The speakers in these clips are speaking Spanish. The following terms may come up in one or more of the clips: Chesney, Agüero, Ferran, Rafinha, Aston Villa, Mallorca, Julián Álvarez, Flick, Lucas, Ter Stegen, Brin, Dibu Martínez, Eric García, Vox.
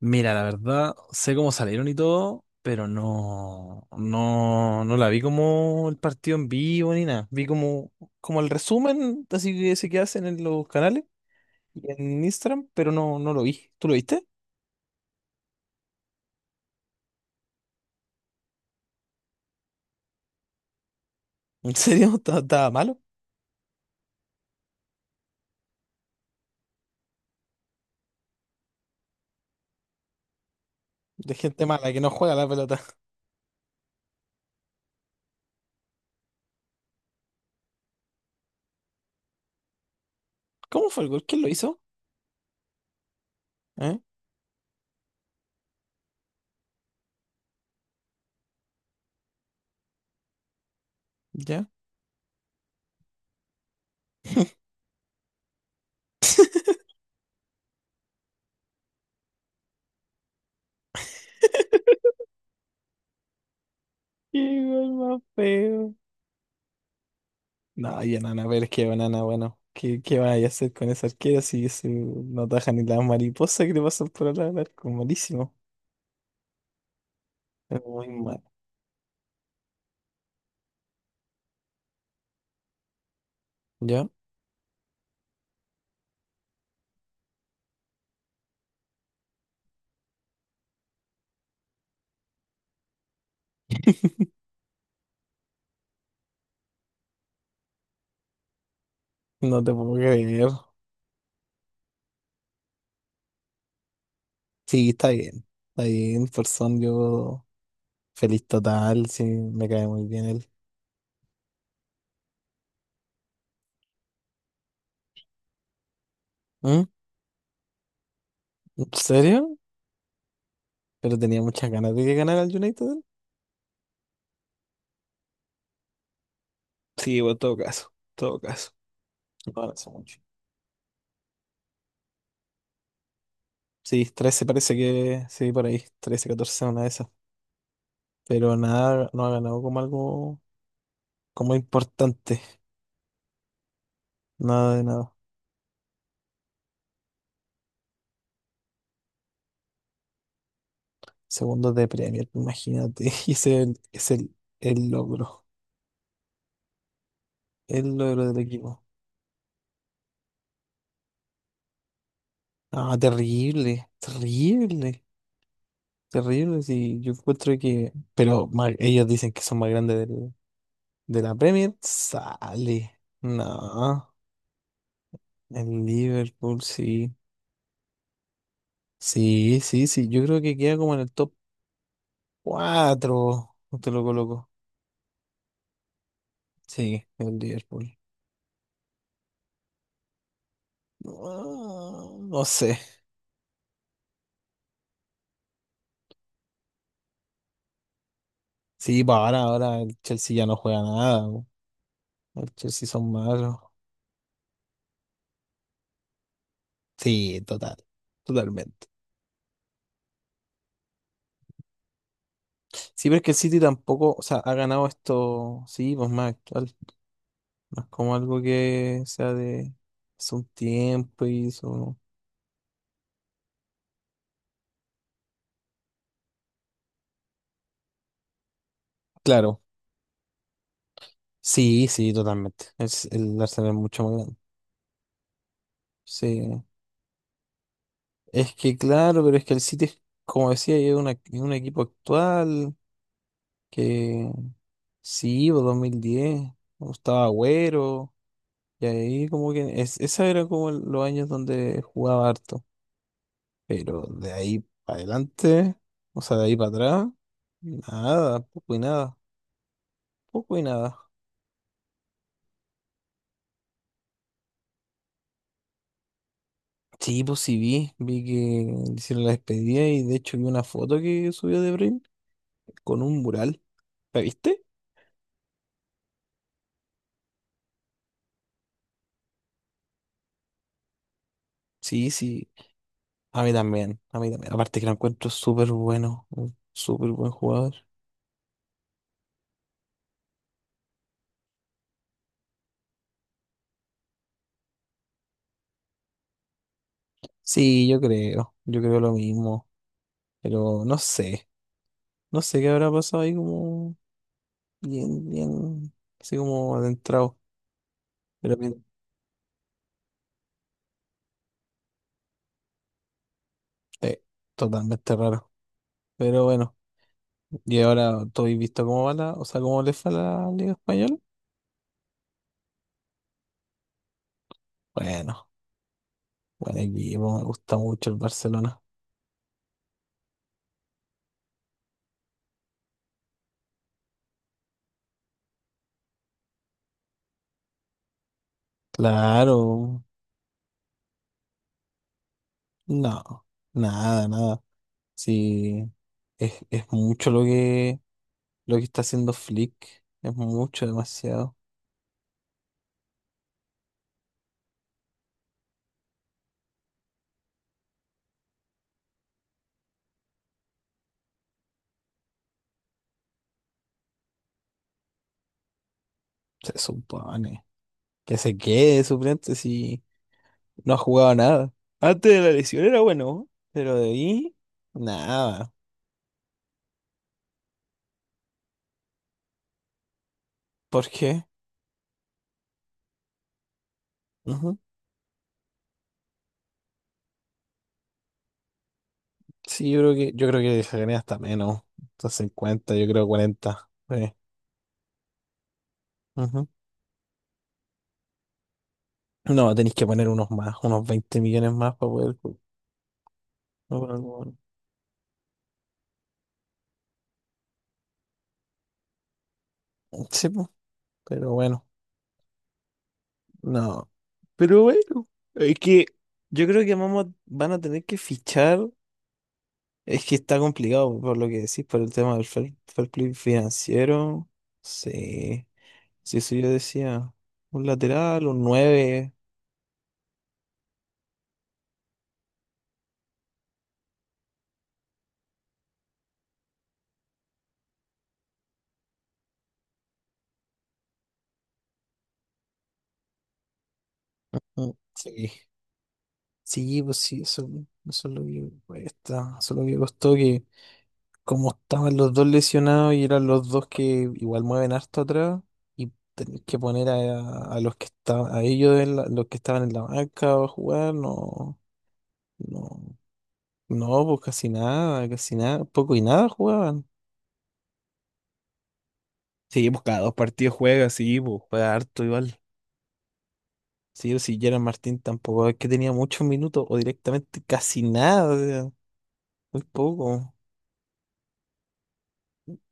Mira, la verdad, sé cómo salieron y todo, pero no, no, no la vi como el partido en vivo ni nada. Vi como el resumen, así que ese que hacen en los canales y en Instagram, pero no, no lo vi. ¿Tú lo viste? ¿En serio? ¿Estaba malo? De gente mala que no juega la pelota. ¿Cómo fue el gol? ¿Quién lo hizo? ¿Eh? ¿Ya? ¡Qué gol más feo! No, y Anana, pero es que Anana, bueno, ¿qué vas a hacer con esa arquera si ese no taja ni las mariposas que le pasan por al lado del arco? Malísimo. Es muy mal. ¿Ya? No te puedo creer. Sí, está bien. Está bien, persona, yo feliz total. Sí, me cae muy bien él. ¿Mm? ¿En serio? Pero tenía muchas ganas de que ganara el United. Sí, bueno, en todo caso, en todo caso. No lo hace mucho. Sí, 13 parece que. Sí, por ahí. 13, 14, una de esas. Pero nada, no ha ganado como algo como importante. Nada de nada. Segundo de Premier, imagínate. Y ese es es el logro. El logro del equipo. Ah, terrible, terrible, terrible. Sí, yo encuentro que. Pero ellos dicen que son más grandes de la Premier. Sale. No, el Liverpool, sí. Sí, sí, sí. Yo creo que queda como en el top 4. Te lo coloco. Sí, el Liverpool. No, no sé. Sí, para ahora el Chelsea ya no juega nada, po. El Chelsea son malos. Sí, total. Totalmente. Sí, pero es que el City tampoco, o sea, ha ganado esto, sí, pues más actual, más como algo que sea de hace un tiempo y eso. Claro, sí, sí, totalmente. El Arsenal es mucho más grande. Sí, es que claro, pero es que el City, es, como decía, es, es un equipo actual que sí, pues 2010, cuando estaba Agüero, y ahí como que es, esa era como los años donde jugaba harto. Pero de ahí para adelante, o sea, de ahí para atrás, nada, poco y nada, poco y nada. Sí, pues sí vi, que le hicieron la despedida y de hecho vi una foto que subió de Brin con un mural. ¿La viste? Sí, sí, a mí también, a mí también. Aparte que lo encuentro súper bueno, un súper buen jugador. Sí, yo creo lo mismo, pero no sé qué habrá pasado ahí como bien, bien, así como adentrado. Pero sí, totalmente raro. Pero bueno, y ahora tú has visto cómo va la, o sea, cómo le fue a la Liga Española. Bueno, buen equipo, me gusta mucho el Barcelona. Claro, no, nada, nada. Sí, es mucho lo que está haciendo Flick, es mucho, demasiado. Se supone que se quede de suplente si no ha jugado nada. Antes de la lesión era bueno, pero de ahí, nada. ¿Por qué? Sí, yo creo que sacaría hasta menos. Entonces 50 yo creo 40 sí. Ujú. No, tenéis que poner unos más, unos 20 millones más para poder. No, para sí, po, pero bueno, no. Pero bueno, es que yo creo que vamos, van a tener que fichar. Es que está complicado por lo que decís, por el tema del fair play financiero. Sí, sí, eso yo decía. Un lateral, un nueve. Sí. Sí, pues sí, eso es lo que cuesta, eso es lo que costó que como estaban los dos lesionados y eran los dos que igual mueven harto atrás y tenés que poner a, los que estaban, a ellos en los que estaban en la banca a jugar, no, no, no, pues casi nada, poco y nada jugaban. Sí, pues cada dos partidos juega, sí, pues juega harto igual. Sí, o si Gerard Martín tampoco es que tenía muchos minutos o directamente casi nada, o sea, muy poco.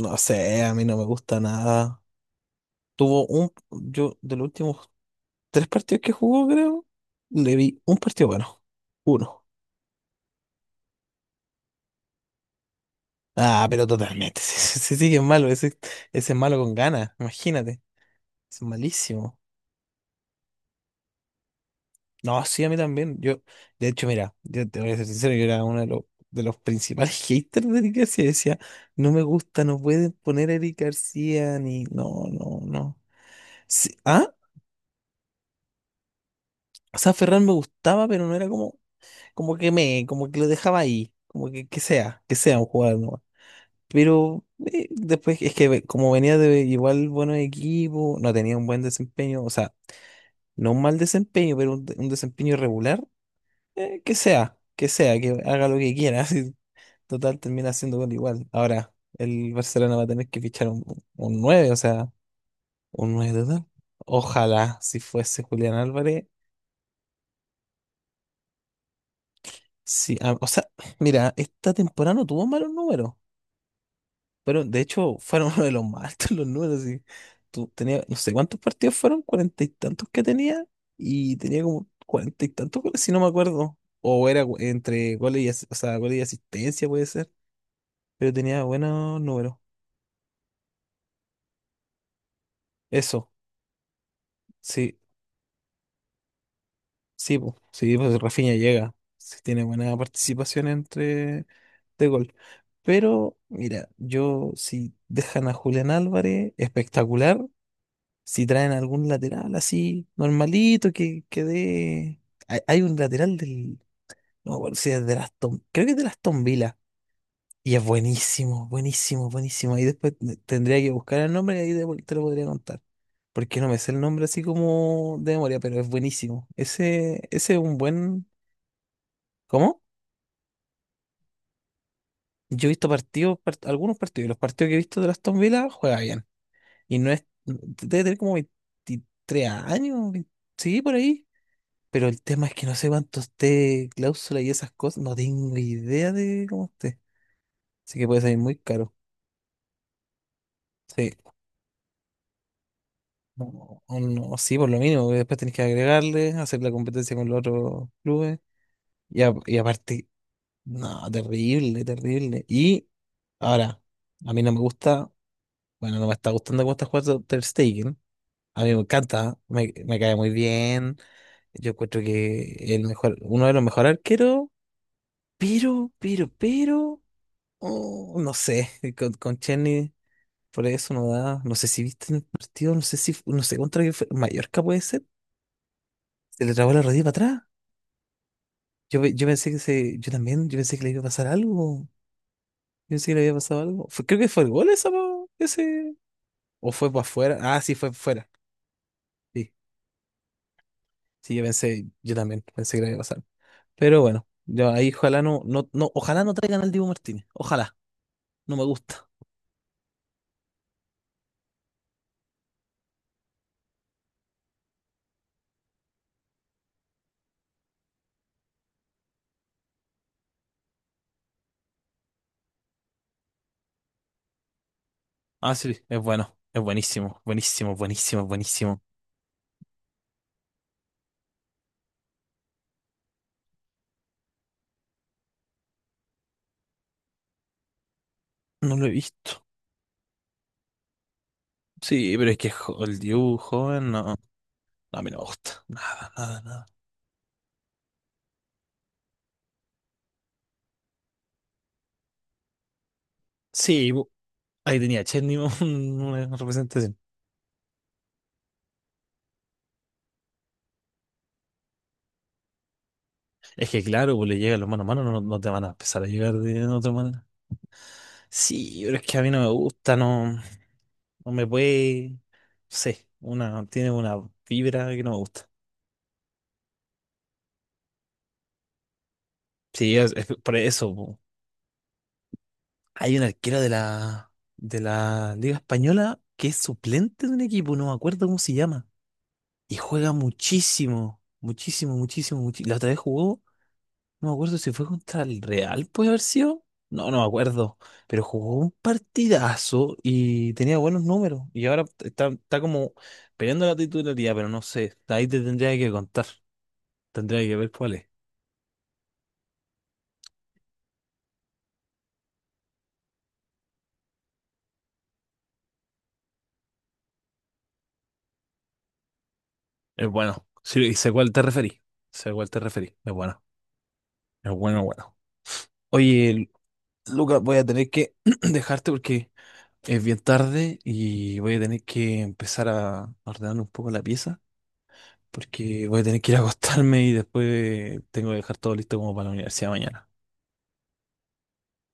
No sé, a mí no me gusta nada. Tuvo un, yo de los últimos tres partidos que jugó, creo, le vi un partido bueno. Uno. Ah, pero totalmente. Sí, sí, sí, que es malo. Ese es malo con ganas, imagínate. Es malísimo. No, sí, a mí también. Yo, de hecho, mira, yo te voy a ser sincero, yo era uno de los, principales haters de Eric García. Decía, no me gusta, no pueden poner a Eric García ni. No, no, no. Sí, ah, o sea, Ferran me gustaba, pero no era como, como que me, como que lo dejaba ahí, como que, que sea un jugador nomás. Pero después es que como venía de igual buenos equipos, no tenía un buen desempeño, o sea, no un mal desempeño, pero un desempeño irregular, que sea, que sea, que haga lo que quiera, así, total termina haciendo gol igual. Ahora, el Barcelona va a tener que fichar un 9 o sea, un 9 total. Ojalá si fuese Julián Álvarez, sí, ah, o sea, mira, esta temporada no tuvo malos números. Fueron, de hecho, fueron uno de los más altos los números. Y tú tenías, no sé cuántos partidos fueron, cuarenta y tantos que tenía, y tenía como cuarenta y tantos goles, si no me acuerdo. O era entre goles y o sea, goles y asistencia, puede ser, pero tenía buenos números. Eso, sí, sí, pues Rafinha llega, sí, tiene buena participación entre de gol. Pero, mira, yo si dejan a Julián Álvarez, espectacular. Si traen algún lateral así, normalito, que, dé. Hay un lateral del. No me acuerdo si es de las Tom. Creo que es de las Aston Villa. Y es buenísimo, buenísimo, buenísimo. Y después tendría que buscar el nombre y ahí te lo podría contar. Porque no me sé el nombre así como de memoria, pero es buenísimo. Ese es un buen. ¿Cómo? Yo he visto partidos, algunos partidos, y los partidos que he visto de las Aston Villa juega bien. Y no es. Debe tener como 23 años, 20 sí, por ahí. Pero el tema es que no sé cuánto esté cláusula y esas cosas. No tengo idea de cómo esté. Así que puede salir muy caro. Sí. O no, sí, por lo mínimo, porque después tenés que agregarle, hacer la competencia con los otros clubes. Y aparte, no, terrible, terrible. Y ahora, a mí no me gusta, bueno, no me está gustando cómo está jugando Ter Stegen. A mí me encanta, me cae muy bien. Yo encuentro que el mejor, uno de los mejores arqueros, pero, pero. Oh, no sé, con Chesney por eso no da. No sé si viste en el partido, no sé contra qué fue. Mallorca puede ser. Se le trabó la rodilla para atrás. Yo, yo pensé que se, yo también, yo pensé que le iba a pasar algo. Yo pensé que le había pasado algo. Creo que fue el gol esa, po, ese. O fue para afuera. Ah, sí, fue fuera. Sí, sí, yo pensé, yo también pensé que le iba a pasar. Pero bueno, yo ahí ojalá no, no, no, ojalá no traigan al Dibu Martínez. Ojalá, no me gusta. Ah, sí, es bueno, es buenísimo, buenísimo, buenísimo, buenísimo. No lo he visto. Sí, pero es que el Dibu joven no, a mí no me gusta. Nada, nada, nada. Sí, ahí tenía Chesney una representación. Es que claro, pues le llegan los mano a mano, no, no te van a empezar a llegar de otra manera. Sí, pero es que a mí no me gusta, no, no me puede, no sé, tiene una vibra que no me gusta. Sí, es por eso, po. Hay un arquero de la Liga Española que es suplente de un equipo, no me acuerdo cómo se llama. Y juega muchísimo, muchísimo, muchísimo, muchísimo. La otra vez jugó, no me acuerdo si fue contra el Real, puede haber sido. No, no me acuerdo. Pero jugó un partidazo y tenía buenos números. Y ahora está como peleando la titularidad, pero no sé. Ahí te tendría que contar. Tendría que ver cuál es. Es bueno. Sí, sé cuál te referí. Sé cuál te referí. Es bueno. Es bueno, bueno. Oye, Lucas, voy a tener que dejarte porque es bien tarde y voy a tener que empezar a ordenar un poco la pieza porque voy a tener que ir a acostarme y después tengo que dejar todo listo como para la universidad mañana.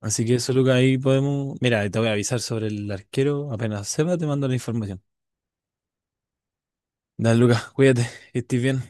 Así que eso, Lucas, ahí podemos... Mira, te voy a avisar sobre el arquero. Apenas sepa, te mando la información. Dale, Lucas, cuídate, que estés bien.